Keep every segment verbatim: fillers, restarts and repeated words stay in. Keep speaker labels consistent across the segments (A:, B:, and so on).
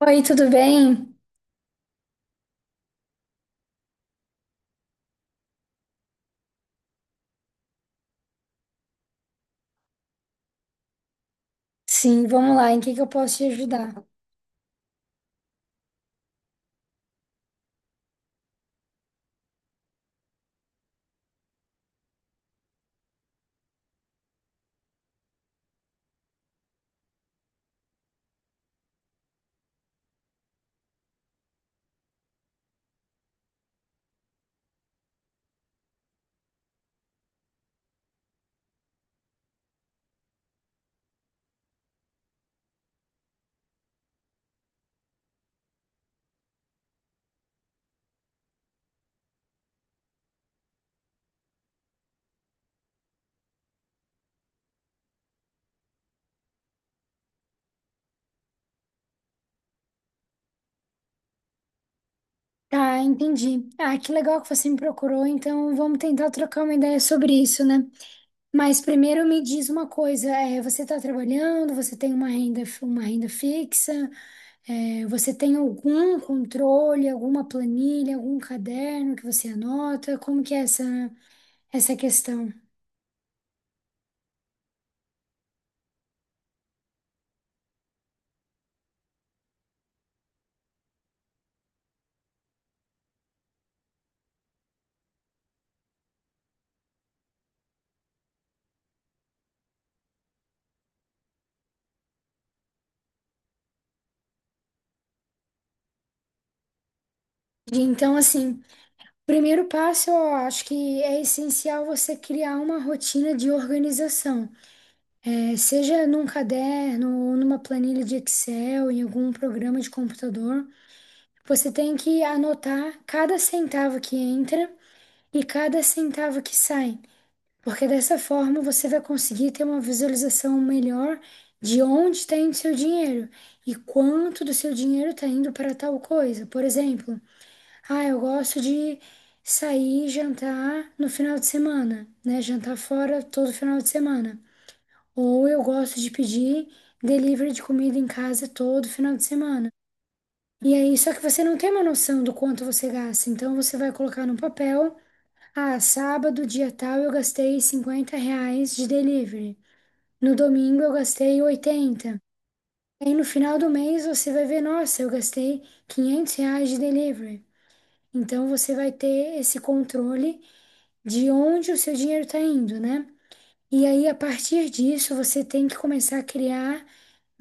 A: Oi, tudo bem? Sim, vamos lá. Em que que eu posso te ajudar? Tá, entendi. Ah, que legal que você me procurou. Então, vamos tentar trocar uma ideia sobre isso, né? Mas primeiro me diz uma coisa. É, você está trabalhando? Você tem uma renda, uma renda fixa? É, você tem algum controle, alguma planilha, algum caderno que você anota? Como que é essa essa questão? Então, assim, primeiro passo, eu acho que é essencial você criar uma rotina de organização. É, seja num caderno ou numa planilha de Excel, em algum programa de computador, você tem que anotar cada centavo que entra e cada centavo que sai, porque dessa forma você vai conseguir ter uma visualização melhor de onde está indo seu dinheiro e quanto do seu dinheiro está indo para tal coisa. Por exemplo, ah, eu gosto de sair e jantar no final de semana, né? Jantar fora todo final de semana. Ou eu gosto de pedir delivery de comida em casa todo final de semana. E aí, só que você não tem uma noção do quanto você gasta. Então, você vai colocar no papel: ah, sábado, dia tal, eu gastei cinquenta reais de delivery. No domingo, eu gastei oitenta. Aí, no final do mês, você vai ver: nossa, eu gastei quinhentos reais de delivery. Então, você vai ter esse controle de onde o seu dinheiro está indo, né? E aí, a partir disso, você tem que começar a criar.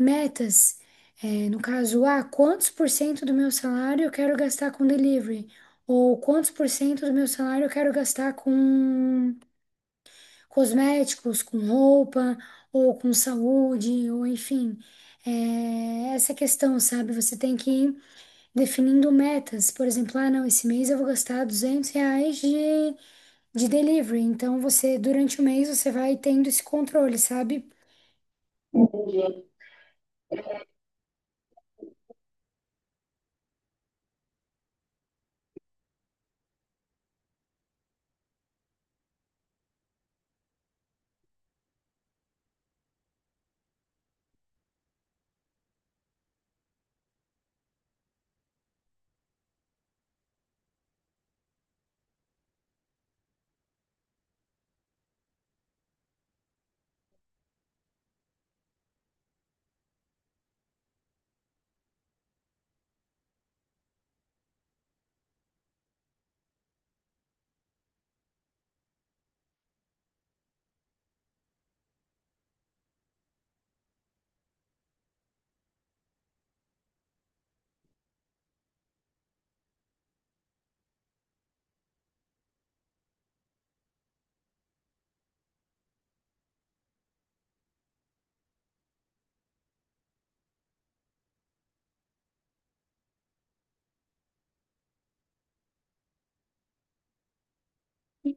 A: Metas, é, no caso, ah, quantos por cento do meu salário eu quero gastar com delivery? Ou quantos por cento do meu salário eu quero gastar com cosméticos, com roupa, ou com saúde, ou enfim. É, essa questão, sabe? Você tem que ir definindo metas. Por exemplo, ah, não, esse mês eu vou gastar duzentos reais de, de delivery. Então, você, durante o mês, você vai tendo esse controle, sabe?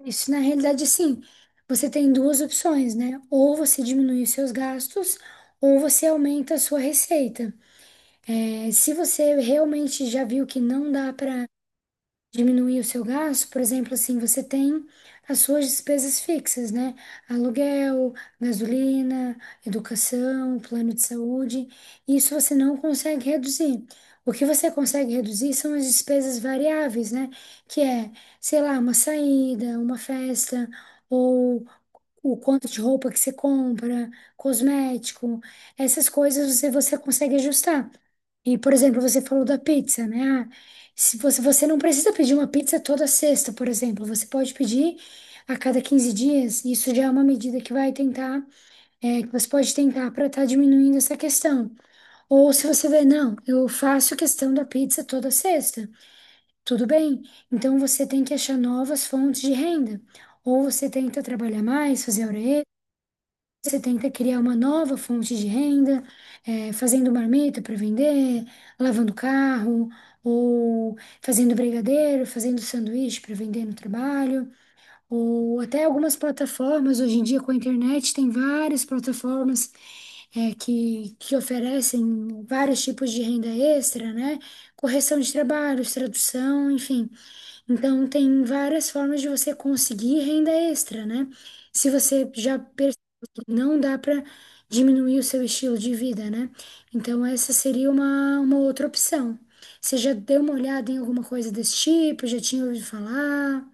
A: Isso, na realidade, assim, você tem duas opções, né? Ou você diminui os seus gastos, ou você aumenta a sua receita. É, se você realmente já viu que não dá para diminuir o seu gasto, por exemplo, assim, você tem as suas despesas fixas, né? Aluguel, gasolina, educação, plano de saúde. Isso você não consegue reduzir. O que você consegue reduzir são as despesas variáveis, né? Que é, sei lá, uma saída, uma festa, ou o quanto de roupa que você compra, cosmético, essas coisas você, você consegue ajustar. E, por exemplo, você falou da pizza, né? Ah, se você, você não precisa pedir uma pizza toda sexta, por exemplo, você pode pedir a cada quinze dias, isso já é uma medida que vai tentar, é, que você pode tentar para estar diminuindo essa questão. Ou se você vê, não, eu faço questão da pizza toda sexta, tudo bem. Então você tem que achar novas fontes de renda. Ou você tenta trabalhar mais, fazer hora você tenta criar uma nova fonte de renda, eh, fazendo marmita para vender, lavando carro, ou fazendo brigadeiro, fazendo sanduíche para vender no trabalho ou até algumas plataformas, hoje em dia com a internet, tem várias plataformas é, que, que oferecem vários tipos de renda extra, né? Correção de trabalhos, tradução, enfim. Então, tem várias formas de você conseguir renda extra, né? Se você já percebeu que não dá para diminuir o seu estilo de vida, né? Então, essa seria uma, uma outra opção. Você já deu uma olhada em alguma coisa desse tipo? Já tinha ouvido falar?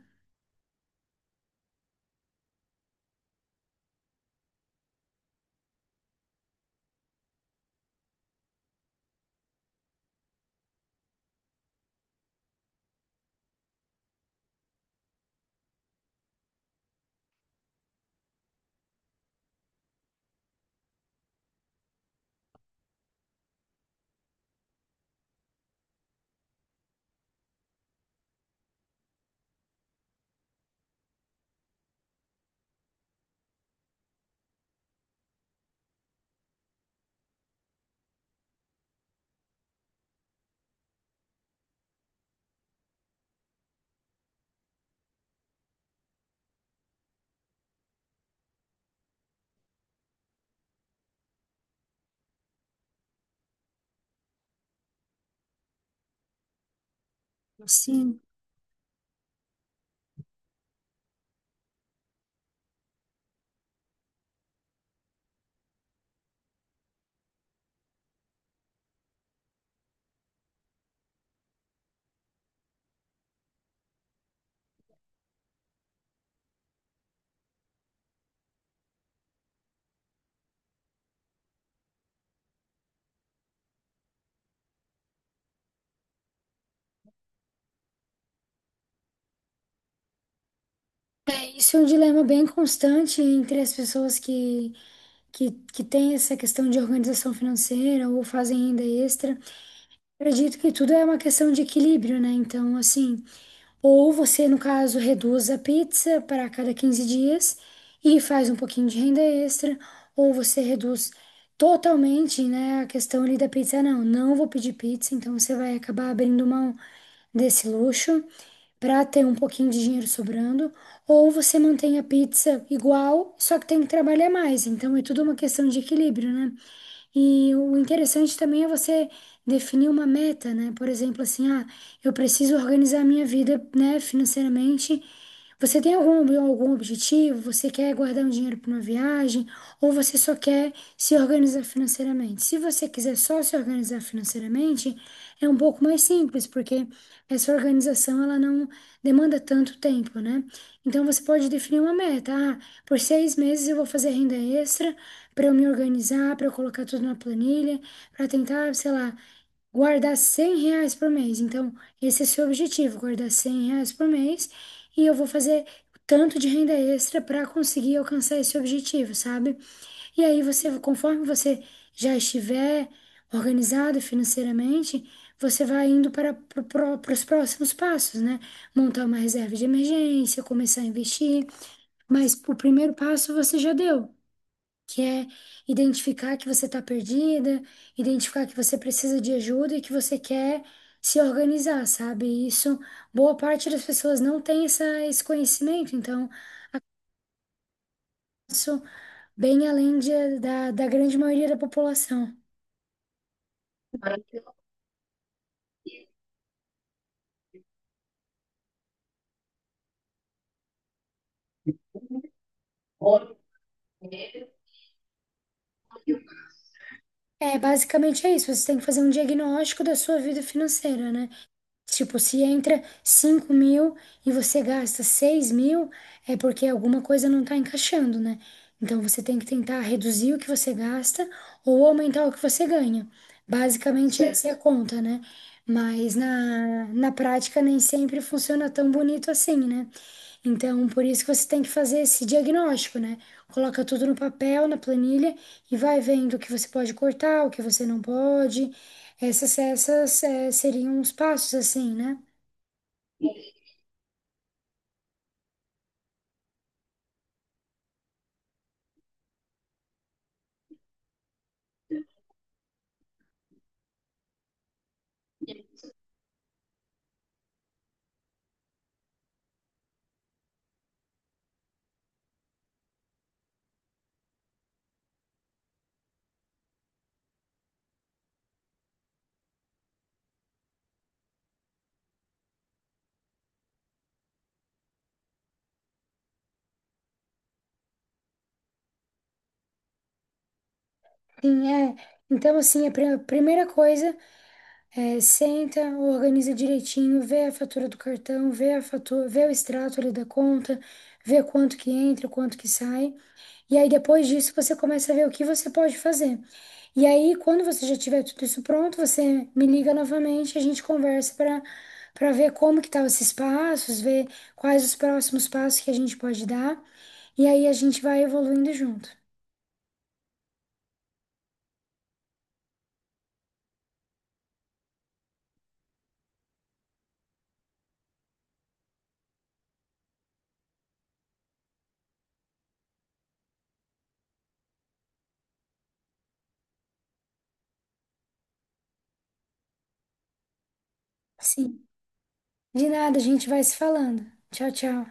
A: Sim. Isso é um dilema bem constante entre as pessoas que, que, que têm essa questão de organização financeira ou fazem renda extra. Eu acredito que tudo é uma questão de equilíbrio, né? Então, assim, ou você, no caso, reduz a pizza para cada quinze dias e faz um pouquinho de renda extra, ou você reduz totalmente, né, a questão ali da pizza. Ah, não, não vou pedir pizza, então você vai acabar abrindo mão desse luxo para ter um pouquinho de dinheiro sobrando, ou você mantém a pizza igual, só que tem que trabalhar mais. Então é tudo uma questão de equilíbrio, né? E o interessante também é você definir uma meta, né? Por exemplo, assim, ah, eu preciso organizar minha vida, né, financeiramente. Você tem algum, algum objetivo? Você quer guardar um dinheiro para uma viagem? Ou você só quer se organizar financeiramente? Se você quiser só se organizar financeiramente, é um pouco mais simples, porque essa organização ela não demanda tanto tempo, né? Então você pode definir uma meta. Ah, por seis meses eu vou fazer renda extra para eu me organizar, para eu colocar tudo na planilha, para tentar, sei lá, guardar cem reais por mês. Então, esse é seu objetivo, guardar cem reais por mês e eu vou fazer tanto de renda extra para conseguir alcançar esse objetivo, sabe? E aí você, conforme você já estiver organizado financeiramente, você vai indo para os próximos passos, né? Montar uma reserva de emergência, começar a investir. Mas o primeiro passo você já deu que é identificar que você está perdida, identificar que você precisa de ajuda e que você quer se organizar, sabe? E isso, boa parte das pessoas não tem essa, esse conhecimento, então, isso bem além de- da, da grande maioria da população. É, basicamente é isso, você tem que fazer um diagnóstico da sua vida financeira, né? Tipo, se entra cinco mil e você gasta seis mil, é porque alguma coisa não está encaixando, né? Então você tem que tentar reduzir o que você gasta ou aumentar o que você ganha. Basicamente, essa é a conta, né? Mas na, na prática nem sempre funciona tão bonito assim, né? Então, por isso que você tem que fazer esse diagnóstico, né? Coloca tudo no papel, na planilha e vai vendo o que você pode cortar, o que você não pode. Essas, essas, eh, seriam os passos, assim, né? Sim, é. Então, assim, a pri- primeira coisa é senta, organiza direitinho, vê a fatura do cartão, vê a fatura, vê o extrato ali da conta, vê quanto que entra, quanto que sai. E aí, depois disso, você começa a ver o que você pode fazer. E aí, quando você já tiver tudo isso pronto, você me liga novamente, a gente conversa para para ver como que tá esses passos, ver quais os próximos passos que a gente pode dar. E aí a gente vai evoluindo junto. Sim. De nada, a gente vai se falando. Tchau, tchau.